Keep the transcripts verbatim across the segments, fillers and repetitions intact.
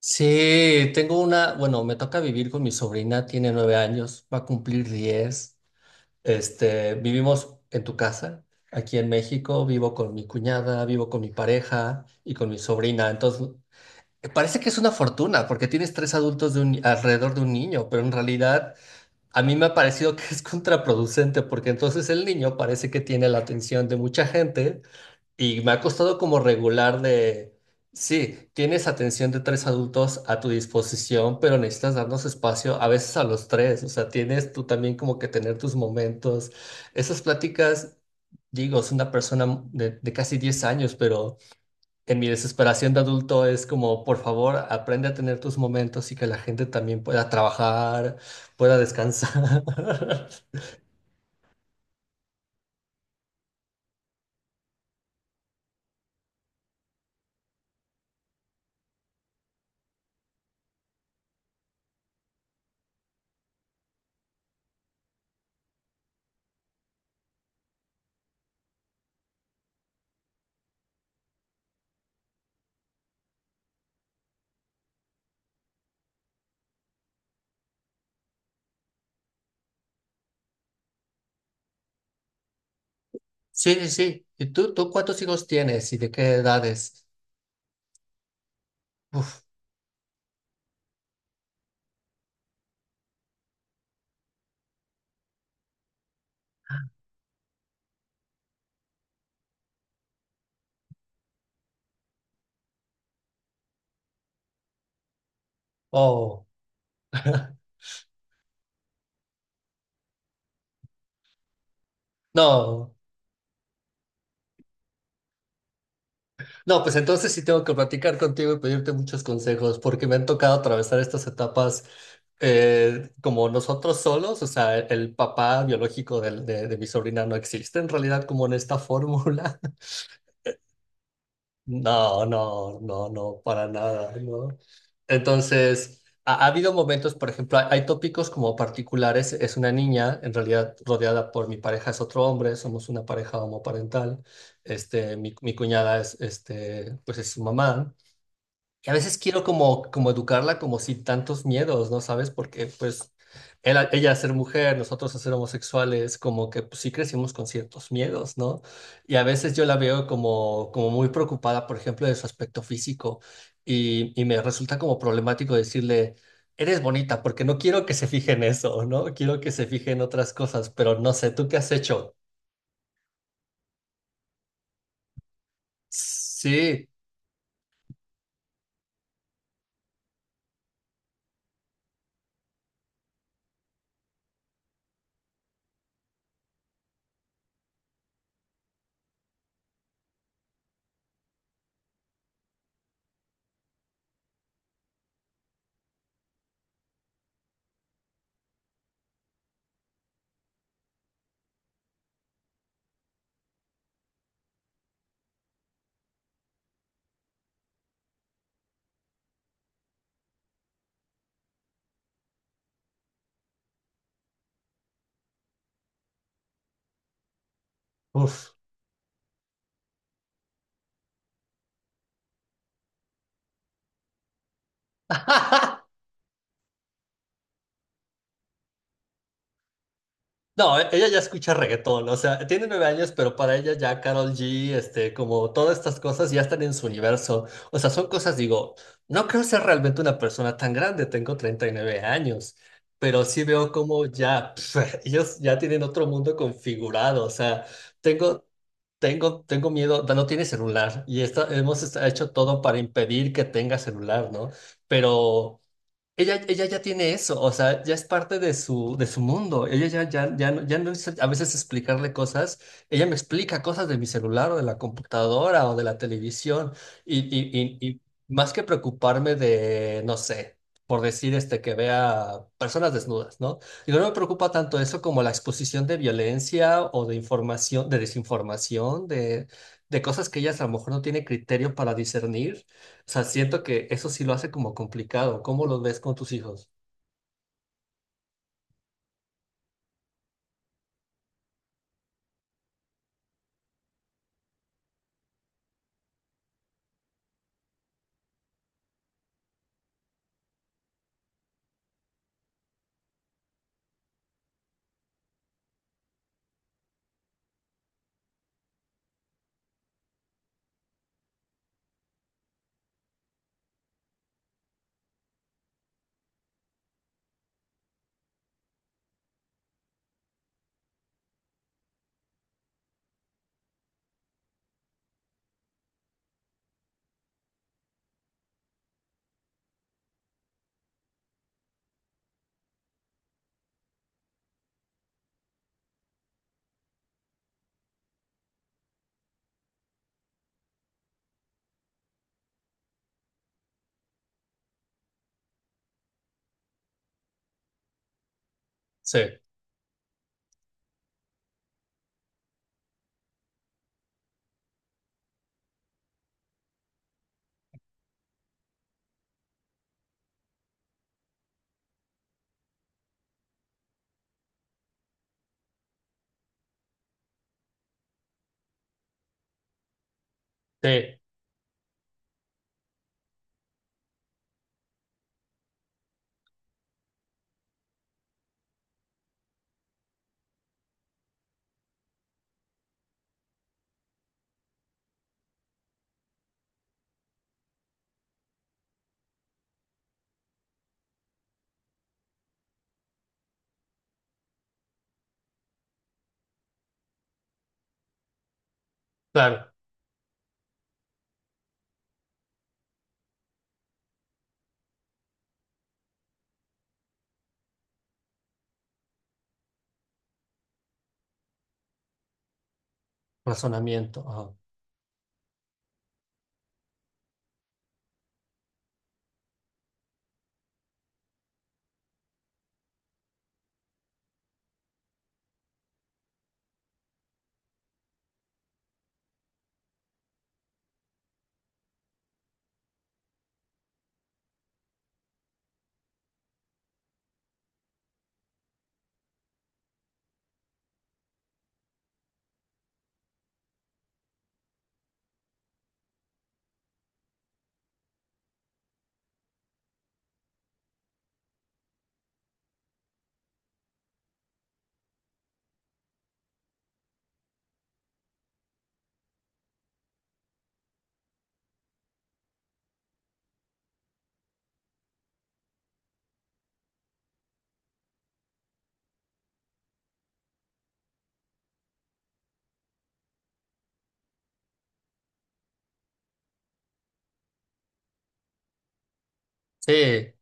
Sí, tengo una, bueno, me toca vivir con mi sobrina, tiene nueve años, va a cumplir diez. Este, vivimos en tu casa, aquí en México, vivo con mi cuñada, vivo con mi pareja y con mi sobrina. Entonces, eh, parece que es una fortuna porque tienes tres adultos de un, ni- alrededor de un niño, pero en realidad a mí me ha parecido que es contraproducente porque entonces el niño parece que tiene la atención de mucha gente y me ha costado como regular de, sí, tienes atención de tres adultos a tu disposición, pero necesitas darnos espacio a veces a los tres, o sea, tienes tú también como que tener tus momentos. Esas pláticas, digo, es una persona de, de casi diez años, pero en mi desesperación de adulto es como, por favor, aprende a tener tus momentos y que la gente también pueda trabajar, pueda descansar. Sí, sí, sí. ¿Y tú, tú cuántos hijos tienes y de qué edades? Uf, oh. No, no, pues entonces sí tengo que platicar contigo y pedirte muchos consejos, porque me han tocado atravesar estas etapas eh, como nosotros solos, o sea, el papá biológico del- de, de mi sobrina no existe en realidad como en esta fórmula. No, no, no, no, para nada, ¿no? Entonces, ha, ha habido momentos, por ejemplo, hay, hay tópicos como particulares, es una niña, en realidad rodeada por mi pareja es otro hombre, somos una pareja homoparental, este, mi, mi cuñada es, este, pues es su mamá, y a veces quiero como, como educarla como sin tantos miedos, ¿no sabes? Porque pues él, a- ella a ser mujer, nosotros a ser homosexuales, como que pues, sí crecimos con ciertos miedos, ¿no? Y a veces yo la veo como, como muy preocupada, por ejemplo, de su aspecto físico y, y me resulta como problemático decirle, eres bonita, porque no quiero que se fije en eso, ¿no? Quiero que se fije en otras cosas, pero no sé, ¿tú qué has hecho? Sí, uff. No, e- ella ya escucha reggaetón, o sea, tiene nueve años, pero para ella ya Carol G, este, como todas estas cosas ya están en su universo. O sea, son cosas, digo, no creo ser realmente una persona tan grande, tengo treinta y nueve años, pero sí veo como ya, pf, ellos ya tienen otro mundo configurado, o sea, tengo, tengo, tengo miedo, da- no tiene celular y esta- hemos est- hecho todo para impedir que tenga celular, ¿no? Pero. Ella, ella ya tiene eso, o sea, ya es parte de su, de su mundo. Ella ya, ya, ya, no- ya no es a veces explicarle cosas. Ella me explica cosas de mi celular o de la computadora o de la televisión. Y, y, y, y más que preocuparme de, no sé, por decir este, que vea personas desnudas, ¿no? Digo, no me preocupa tanto eso como la exposición de violencia o de información, de desinformación, de, de cosas que ella a lo mejor no tiene criterio para discernir, o sea, siento que eso sí lo hace como complicado. ¿Cómo lo ves con tus hijos? Sí, sí, claro. Razonamiento. Ajá. Sí,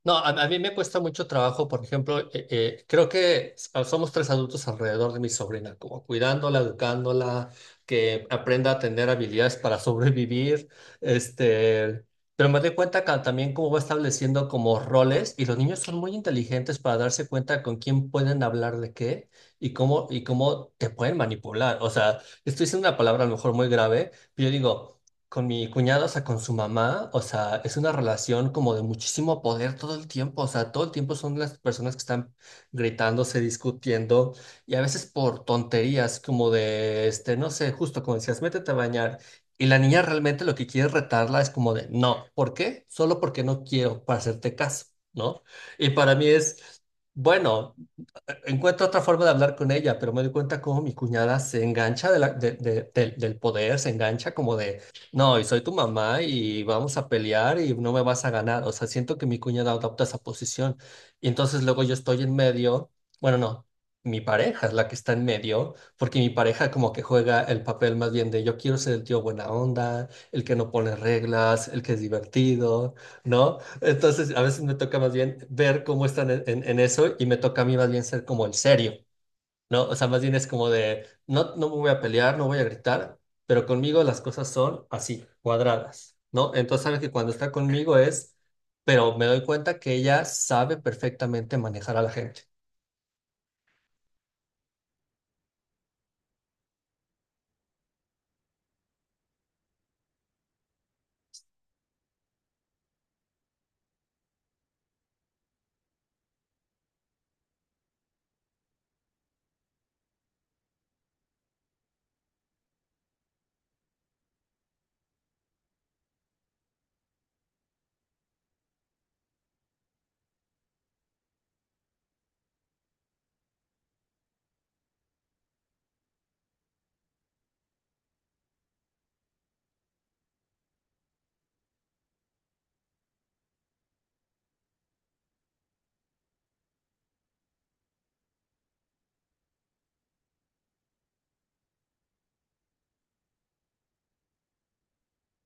no, a, a mí me cuesta mucho trabajo, por ejemplo, eh, eh, creo que so- somos tres adultos alrededor de mi sobrina, como cuidándola, educándola, que aprenda a tener habilidades para sobrevivir, este, pero me doy cuenta ca- también cómo va estableciendo como roles y los niños son muy inteligentes para darse cuenta con quién pueden hablar de qué y cómo, y cómo te pueden manipular. O sea, estoy diciendo una palabra a lo mejor muy grave, pero yo digo. Con mi cuñado, o sea, con su mamá, o sea, es una relación como de muchísimo poder todo el tiempo, o sea, todo el tiempo son las personas que están gritándose, discutiendo, y a veces por tonterías, como de, este, no sé, justo como decías, métete a bañar, y la niña realmente lo que quiere retarla es como de, no, ¿por qué? Solo porque no quiero, para hacerte caso, ¿no? Y para mí es, bueno, encuentro otra forma de hablar con ella, pero me doy cuenta cómo mi cuñada se engancha de la- de- de- del del poder, se engancha como de, no, y soy tu mamá y vamos a pelear y no me vas a ganar. O sea, siento que mi cuñada adopta esa posición. Y entonces luego yo estoy en medio, bueno, no, mi pareja es la que está en medio, porque mi pareja como que juega el papel más bien de yo quiero ser el tío buena onda, el que no pone reglas, el que es divertido. ¿No? Entonces, a veces me toca más bien ver cómo están en, en- en eso y me toca a mí más bien ser como el serio, ¿no? O sea, más bien es como de, no, no me voy a pelear, no voy a gritar, pero conmigo las cosas son así, cuadradas, ¿no? Entonces, sabes que cuando está conmigo es, pero me doy cuenta que ella sabe perfectamente manejar a la gente.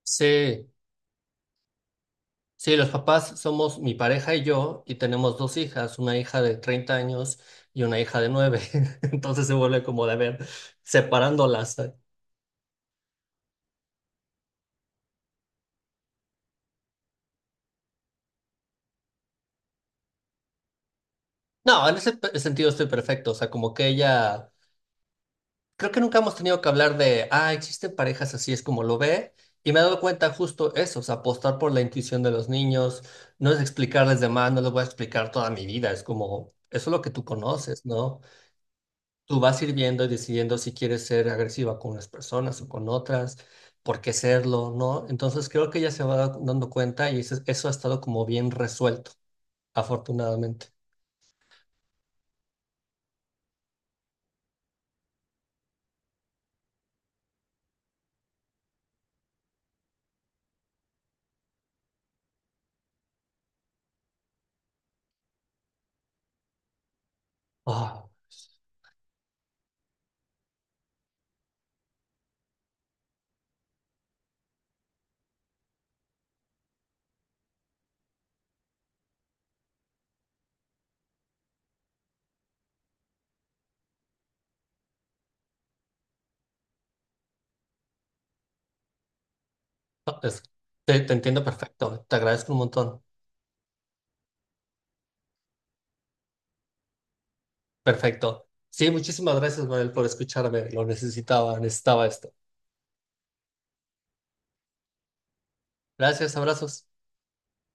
Sí, sí, los papás somos mi pareja y yo y tenemos dos hijas, una hija de treinta años y una hija de nueve. Entonces se vuelve como de a ver, separándolas. No, en ese pe- sentido estoy perfecto. O sea, como que ella, creo que nunca hemos tenido que hablar de, ah, existen parejas así, es como lo ve. Y me he dado cuenta justo eso, o sea, apostar por la intuición de los niños, no es explicarles de más, no les voy a explicar toda mi vida, es como, eso es lo que tú conoces, ¿no? Tú vas ir viendo y decidiendo si quieres ser agresiva con unas personas o con otras, por qué serlo, ¿no? Entonces creo que ella se va da- dando cuenta y eso, eso ha estado como bien resuelto, afortunadamente. No, es- te, te entiendo perfecto, te agradezco un montón. Perfecto. Sí, muchísimas gracias, Manuel, por escucharme. Lo necesitaba, necesitaba esto. Gracias, abrazos.